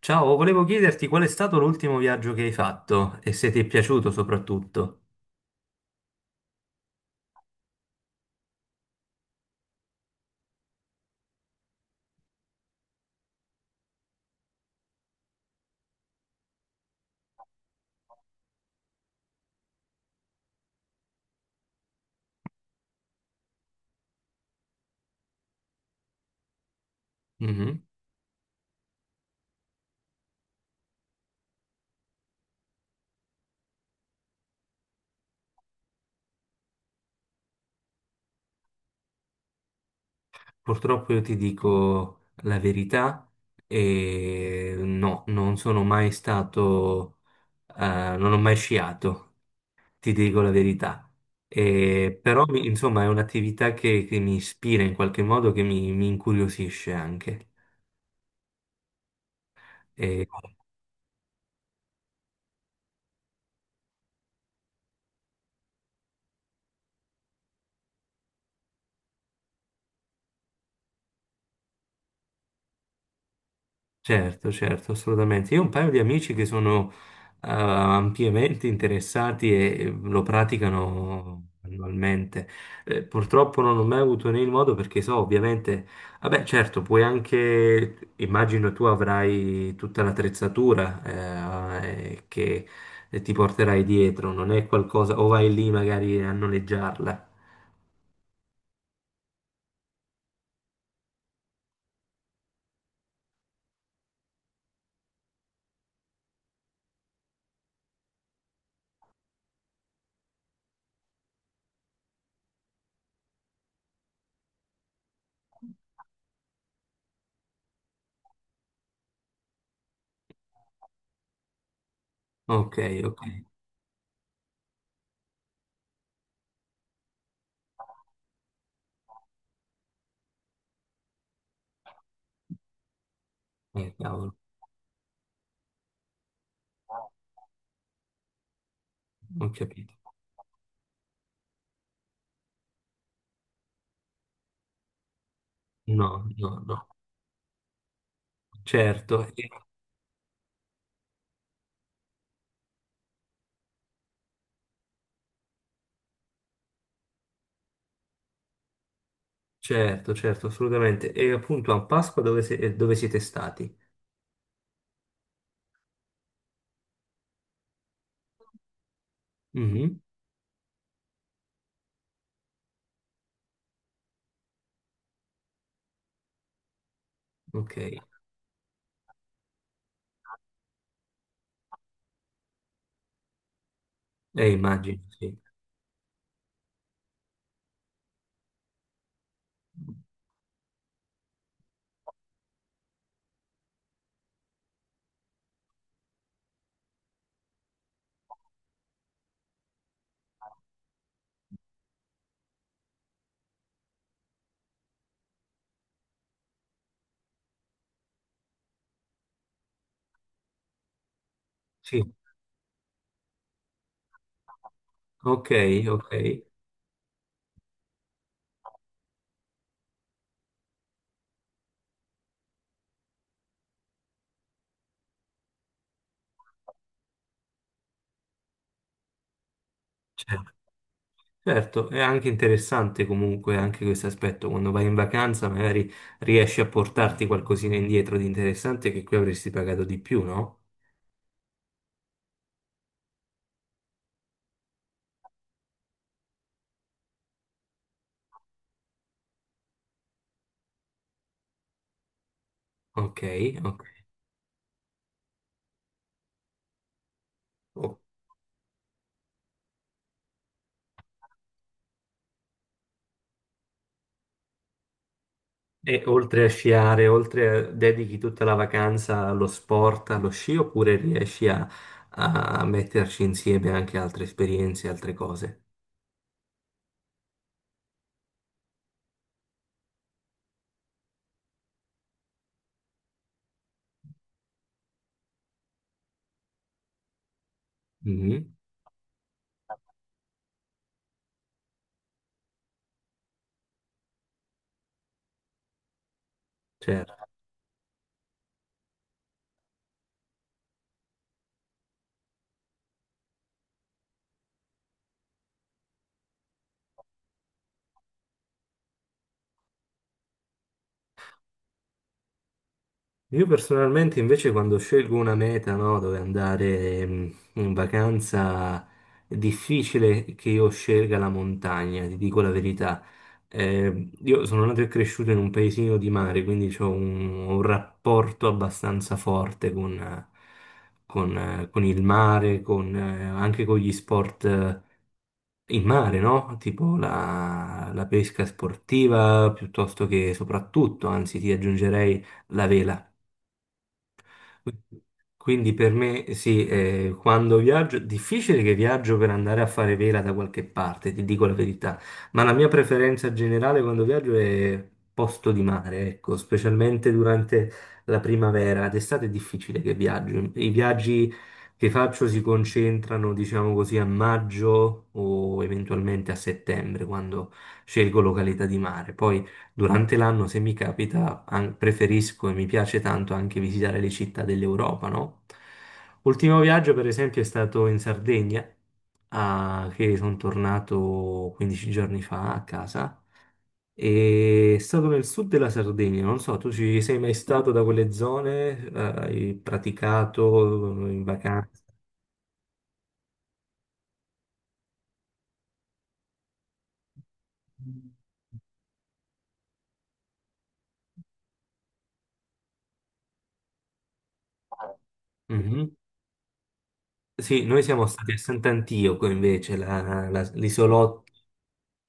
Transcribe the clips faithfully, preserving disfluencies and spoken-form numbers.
Ciao, volevo chiederti qual è stato l'ultimo viaggio che hai fatto e se ti è piaciuto soprattutto. Mhm. Purtroppo io ti dico la verità e no, non sono mai stato, eh, non ho mai sciato, ti dico la verità. E però, mi- insomma, è un'attività che, che mi ispira in qualche modo, che mi, mi incuriosisce anche. E certo, certo, assolutamente. Io ho un paio di amici che sono eh, ampiamente interessati e lo praticano annualmente. Eh, purtroppo non ho mai avuto né il modo perché so, ovviamente, vabbè, certo, puoi anche, immagino tu avrai tutta l'attrezzatura eh, che ti porterai dietro, non è qualcosa, o vai lì magari a noleggiarla. Ok, ok, eh, cavolo, ho capito. No, no, no, certo. Certo, certo, assolutamente. E appunto a Pasqua dove, se- eh, dove siete stati? Mhm, ok, eh, immagino, sì. Sì, ok, ok, certo. Certo, è anche interessante comunque anche questo aspetto. Quando vai in vacanza magari riesci a portarti qualcosina indietro di interessante che qui avresti pagato di più, no? Ok, ok. Ok. E oltre a sciare, oltre a, dedichi tutta la vacanza allo sport, allo sci, oppure riesci a, a metterci insieme anche altre esperienze, altre cose? Mhm, certo. Io personalmente invece quando scelgo una meta, no, dove andare mm, in vacanza, è difficile che io scelga la montagna, ti dico la verità. Eh, io sono nato e cresciuto in un paesino di mare, quindi ho un, un rapporto abbastanza forte con, eh, con, eh, con il mare, con, eh, anche con gli sport eh, in mare, no? Tipo la la pesca sportiva, piuttosto che soprattutto, anzi ti aggiungerei la vela. Quindi per me sì, eh, quando viaggio, difficile che viaggio per andare a fare vela da qualche parte, ti dico la verità, ma la mia preferenza generale quando viaggio è posto di mare, ecco, specialmente durante la primavera, d'estate è difficile che viaggio. I viaggi che faccio si concentrano, diciamo così, a maggio o eventualmente a settembre, quando scelgo località di mare. Poi durante l'anno, se mi capita, an- preferisco e mi piace tanto anche visitare le città dell'Europa, no? Ultimo viaggio, per esempio, è stato in Sardegna, a- che sono tornato quindici giorni fa a casa. E è stato nel sud della Sardegna, non so, tu ci sei mai stato da quelle zone? Eh, Hai praticato in vacanza? Mhm. Sì, noi siamo stati a Sant'Antioco invece, la- la- l'isolotto,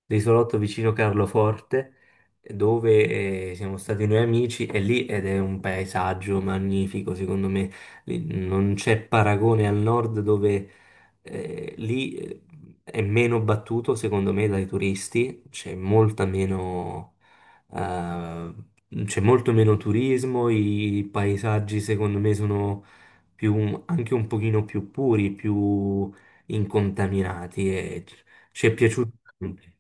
l'isolotto vicino Carloforte, dove eh, siamo stati noi amici e lì ed è un paesaggio magnifico, secondo me. Lì non c'è paragone al nord dove eh, lì eh, è meno battuto secondo me dai turisti, c'è molta meno, eh, c'è molto meno turismo, i paesaggi secondo me sono più, anche un pochino più puri, più incontaminati e c- ci è piaciuto,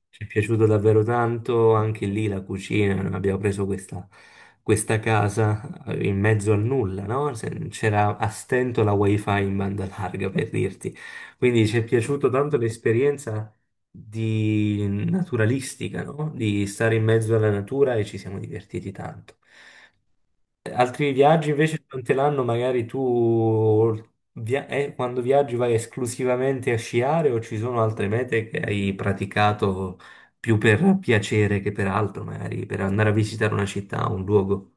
ci è piaciuto davvero tanto anche lì la cucina. Noi abbiamo preso questa questa casa eh, in mezzo al nulla, no? Se- C'era a stento la wifi in banda larga per dirti. Quindi ci è piaciuta tanto l'esperienza di naturalistica, no? Di stare in mezzo alla natura e ci siamo divertiti tanto. Altri viaggi invece durante l'anno, magari tu via- eh, quando viaggi vai esclusivamente a sciare o ci sono altre mete che hai praticato più per piacere che per altro, magari per andare a visitare una città, un luogo?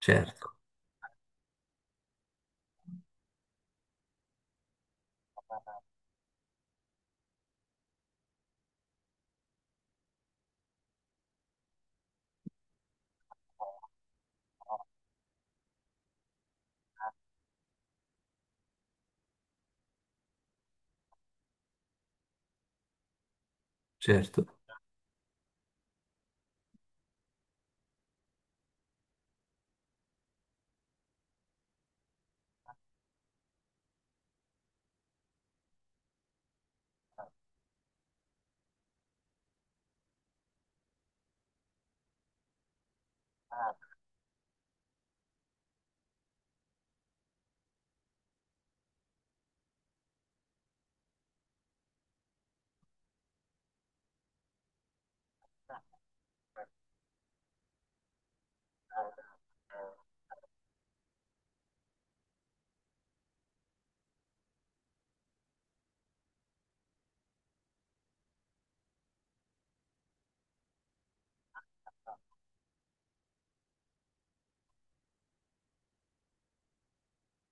Certo, certo,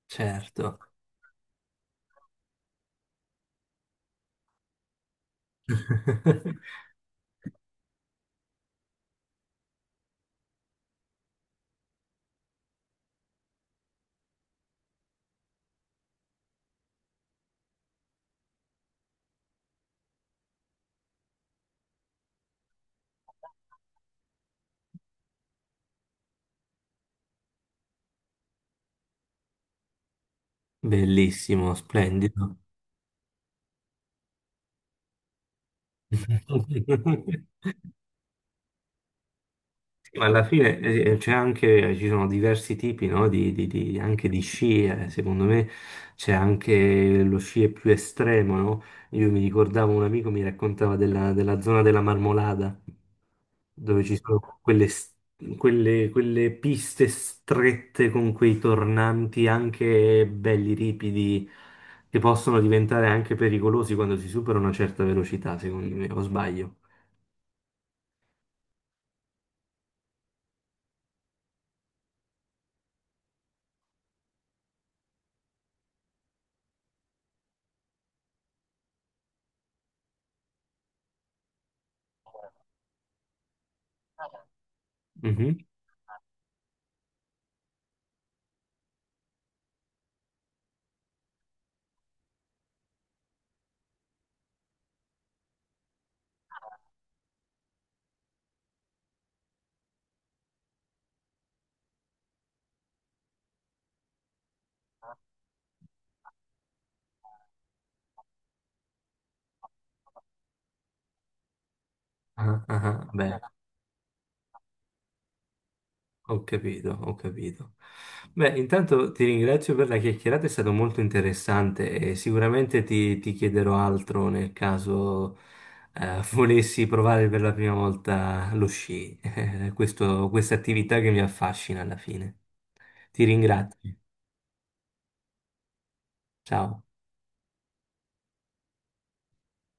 certo. Bellissimo, splendido. Sì, ma alla fine eh, eh, c'è anche, ci sono diversi tipi, no, di, di- di- anche di sci, eh. Secondo me c'è anche lo sci più estremo, no? Io mi ricordavo un amico mi raccontava della, della zona della Marmolada, dove ci sono quelle, s- quelle, quelle piste strette con quei tornanti anche belli ripidi, che possono diventare anche pericolosi quando si supera una certa velocità, secondo me, o sbaglio? Ah, ah, ah, beh, ho capito, ho capito. Beh, intanto ti ringrazio per la chiacchierata, è stato molto interessante e sicuramente ti, ti chiederò altro nel caso eh, volessi provare per la prima volta lo sci, eh, questo- questa attività che mi affascina alla fine. Ti ringrazio. Ciao.